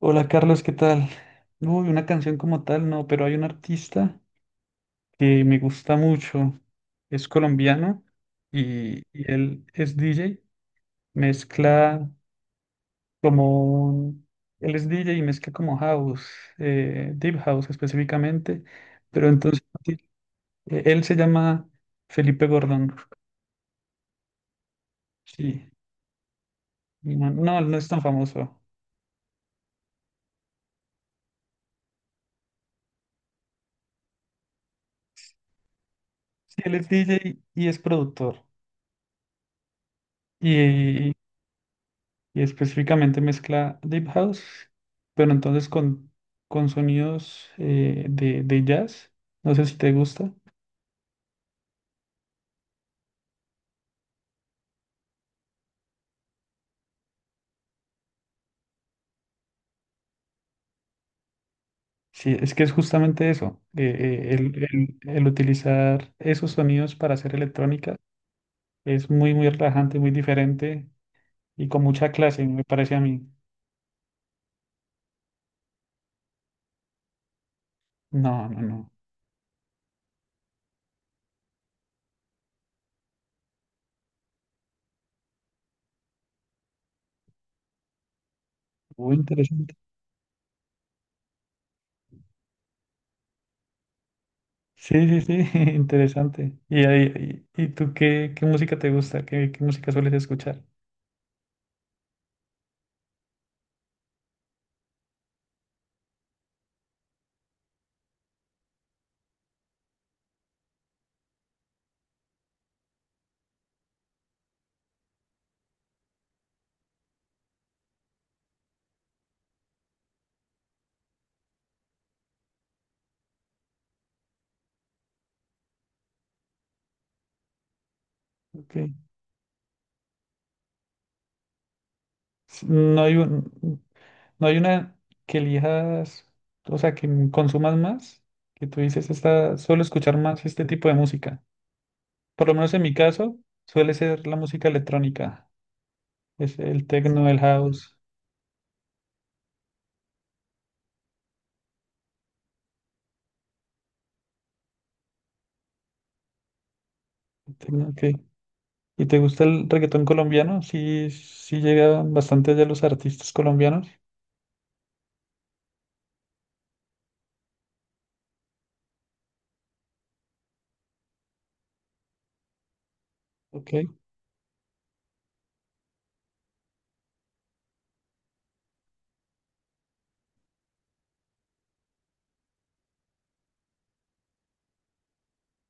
Hola Carlos, ¿qué tal? Uy, una canción como tal, no, pero hay un artista que me gusta mucho. Es colombiano y, él es DJ. Mezcla como Él es DJ y mezcla como house, deep house específicamente. Pero entonces sí, él se llama Felipe Gordón. Sí, no, no, él no es tan famoso. Sí, él es DJ y es productor. Y, específicamente mezcla deep house, pero entonces con, sonidos de, jazz. No sé si te gusta. Sí, es que es justamente eso, el, el utilizar esos sonidos para hacer electrónica es muy, muy relajante, muy diferente y con mucha clase, me parece a mí. No, no, no. Muy interesante. Sí, sí, sí, interesante. ¿Y, y tú qué, qué música te gusta? ¿Qué, qué música sueles escuchar? Ok. No hay no hay una que elijas, o sea, que consumas más, que tú dices, esta, suelo escuchar más este tipo de música. Por lo menos en mi caso, suele ser la música electrónica, es el techno, el house, el techno, ok. ¿Y te gusta el reggaetón colombiano? Sí, sí llegan bastante allá los artistas colombianos, ok.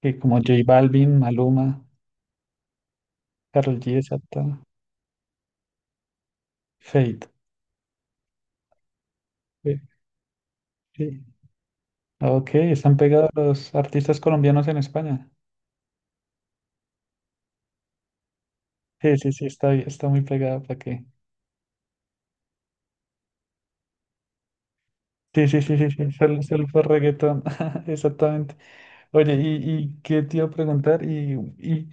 Que como J Balvin, Maluma, Karol G, exacto, Feid. Eh, sí. Ok, están pegados los artistas colombianos en España. Sí, sí, sí, está, está muy pegado para que sí, sí, sí, sí, sí, salsa reggaetón, exactamente. Oye, y qué te iba a preguntar? ¿Y, y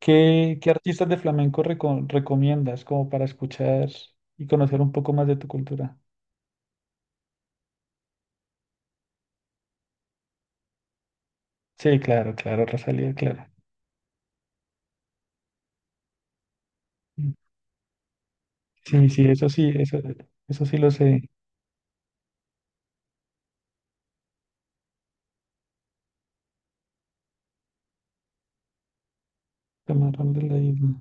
qué, qué artistas de flamenco recomiendas como para escuchar y conocer un poco más de tu cultura? Sí, claro, claro, Rosalía, claro. Mm. Sí, sí, eso sí lo sé. Camarón de la Isla.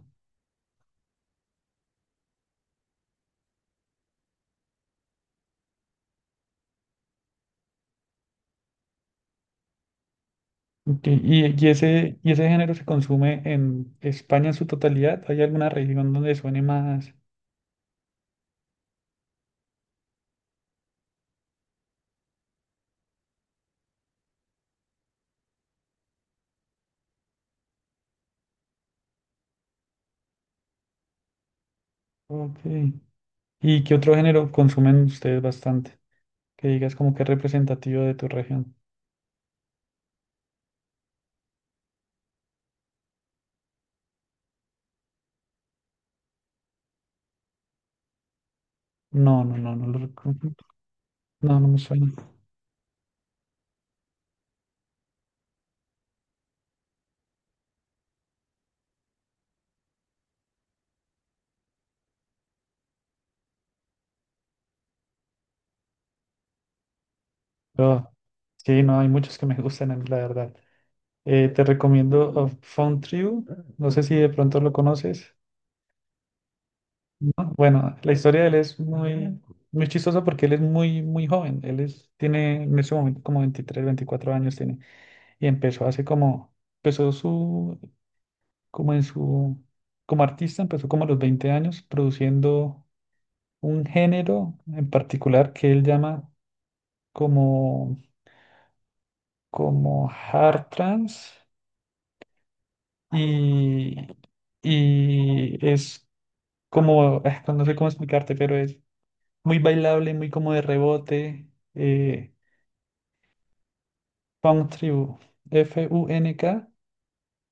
Ok, ¿y, y ese género se consume en España en su totalidad? ¿Hay alguna región donde suene más? Ok. ¿Y qué otro género consumen ustedes bastante? Que digas como que es representativo de tu región. No, no, no, no lo recomiendo. No, no me suena. Pero, sí, no, hay muchos que me gustan, a mí, la verdad. Te recomiendo A Found Tribu. No sé si de pronto lo conoces. ¿No? Bueno, la historia de él es muy, muy chistosa porque él es muy, muy joven. Él es, tiene en ese momento como 23 24 años tiene. Y empezó hace como, empezó su, como en su, como artista, empezó como a los 20 años produciendo un género en particular que él llama como, como hard trance y, es como, no sé cómo explicarte, pero es muy bailable, muy como de rebote, eh, funk tribu, F-U-N-K,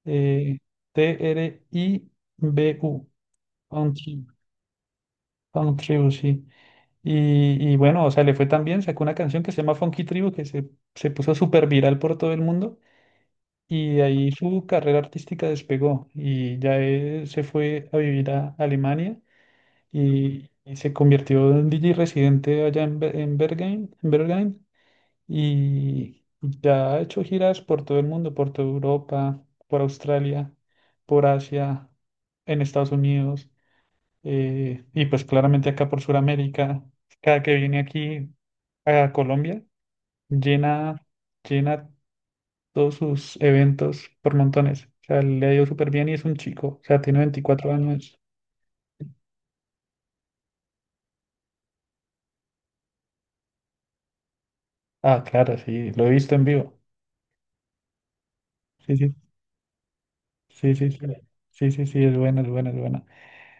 eh, T-R-I-B-U, funk tribu, funk tribu, sí. Y, bueno, o sea, le fue tan bien, sacó una canción que se llama Funky Tribu, que se puso súper viral por todo el mundo. Y de ahí su carrera artística despegó y ya él se fue a vivir a Alemania y, se convirtió en DJ residente allá en, en Bergen, en Bergheim, y ya ha hecho giras por todo el mundo, por toda Europa, por Australia, por Asia, en Estados Unidos y pues claramente acá por Sudamérica. Cada que viene aquí a Colombia llena, llena todos sus eventos por montones. O sea, le ha ido súper bien y es un chico. O sea, tiene 24 años. Ah, claro, sí, lo he visto en vivo. Sí, sí, sí, sí, sí. Sí, sí, sí, es buena, es buena, es buena.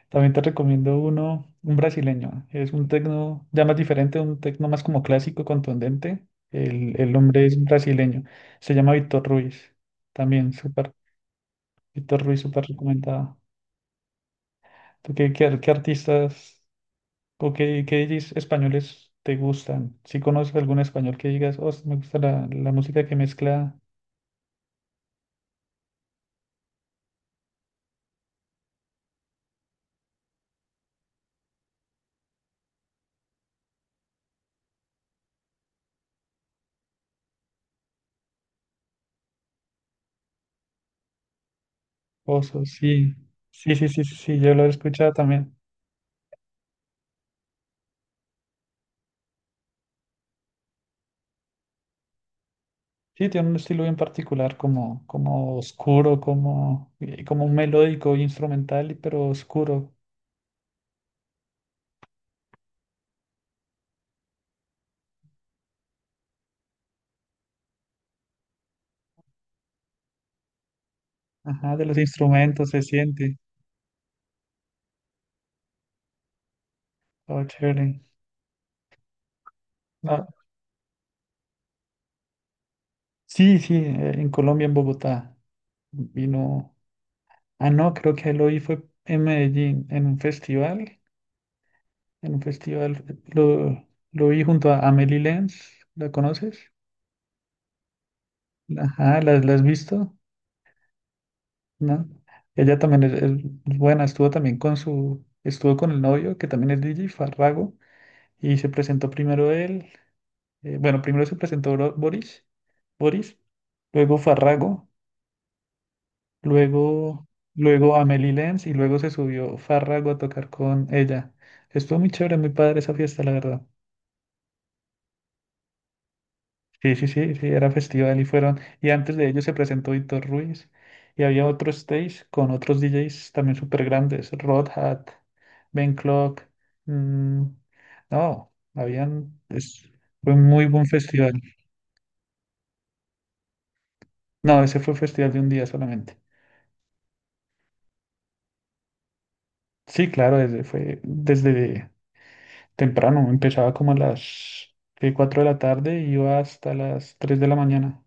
También te recomiendo uno, un brasileño. Es un tecno ya más diferente, un tecno más como clásico, contundente. El, hombre es brasileño. Se llama Víctor Ruiz. También súper, Víctor Ruiz súper recomendado. ¿Tú qué, qué, qué artistas? ¿O qué, qué DJs españoles te gustan? Si conoces algún español que digas, oh, me gusta la, música que mezcla osos, sí. Sí, sí, sí, sí, sí, yo lo he escuchado también. Sí, tiene un estilo bien particular, como, como oscuro, como, como un melódico instrumental, pero oscuro. Ajá, de los instrumentos se siente. Oh, chévere. Ah, sí, sí, en Colombia, en Bogotá. Vino. Ah, no, creo que lo vi fue en Medellín, en un festival. En un festival. Lo vi junto a Amelie Lenz, ¿la conoces? Ajá, ¿la, la has visto? ¿No? Ella también es buena, estuvo también con su, estuvo con el novio, que también es DJ, Farrago, y se presentó primero él, bueno, primero se presentó Boris, Boris, luego Farrago, luego, luego Amelie Lenz, y luego se subió Farrago a tocar con ella. Estuvo muy chévere, muy padre esa fiesta, la verdad. Sí, sí, sí, sí, era festival y fueron. Y antes de ellos se presentó Víctor Ruiz y había otro stage con otros DJs también súper grandes, Rod Hat, Ben Clock. mm, no, habían. Fue un muy buen festival. No, ese fue festival de un día solamente. Sí, claro, desde, fue desde temprano. Empezaba como a las 4 de la tarde y iba hasta las 3 de la mañana.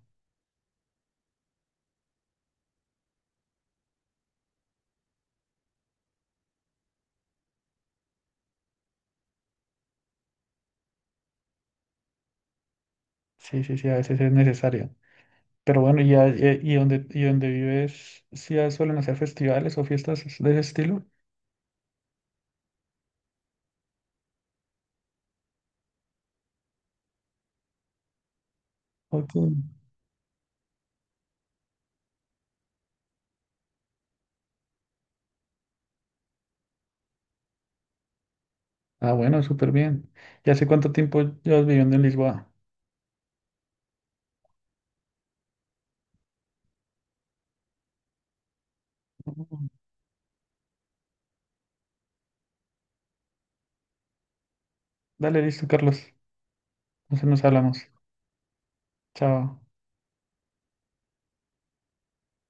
Sí, sí, sí, a veces es necesario. Pero bueno, ¿y, y donde vives, si suelen hacer festivales o fiestas de ese estilo? Ok. Ah, bueno, súper bien. ¿Y hace cuánto tiempo llevas viviendo en Lisboa? Mm. Dale, listo, Carlos. Entonces nos hablamos. Chao.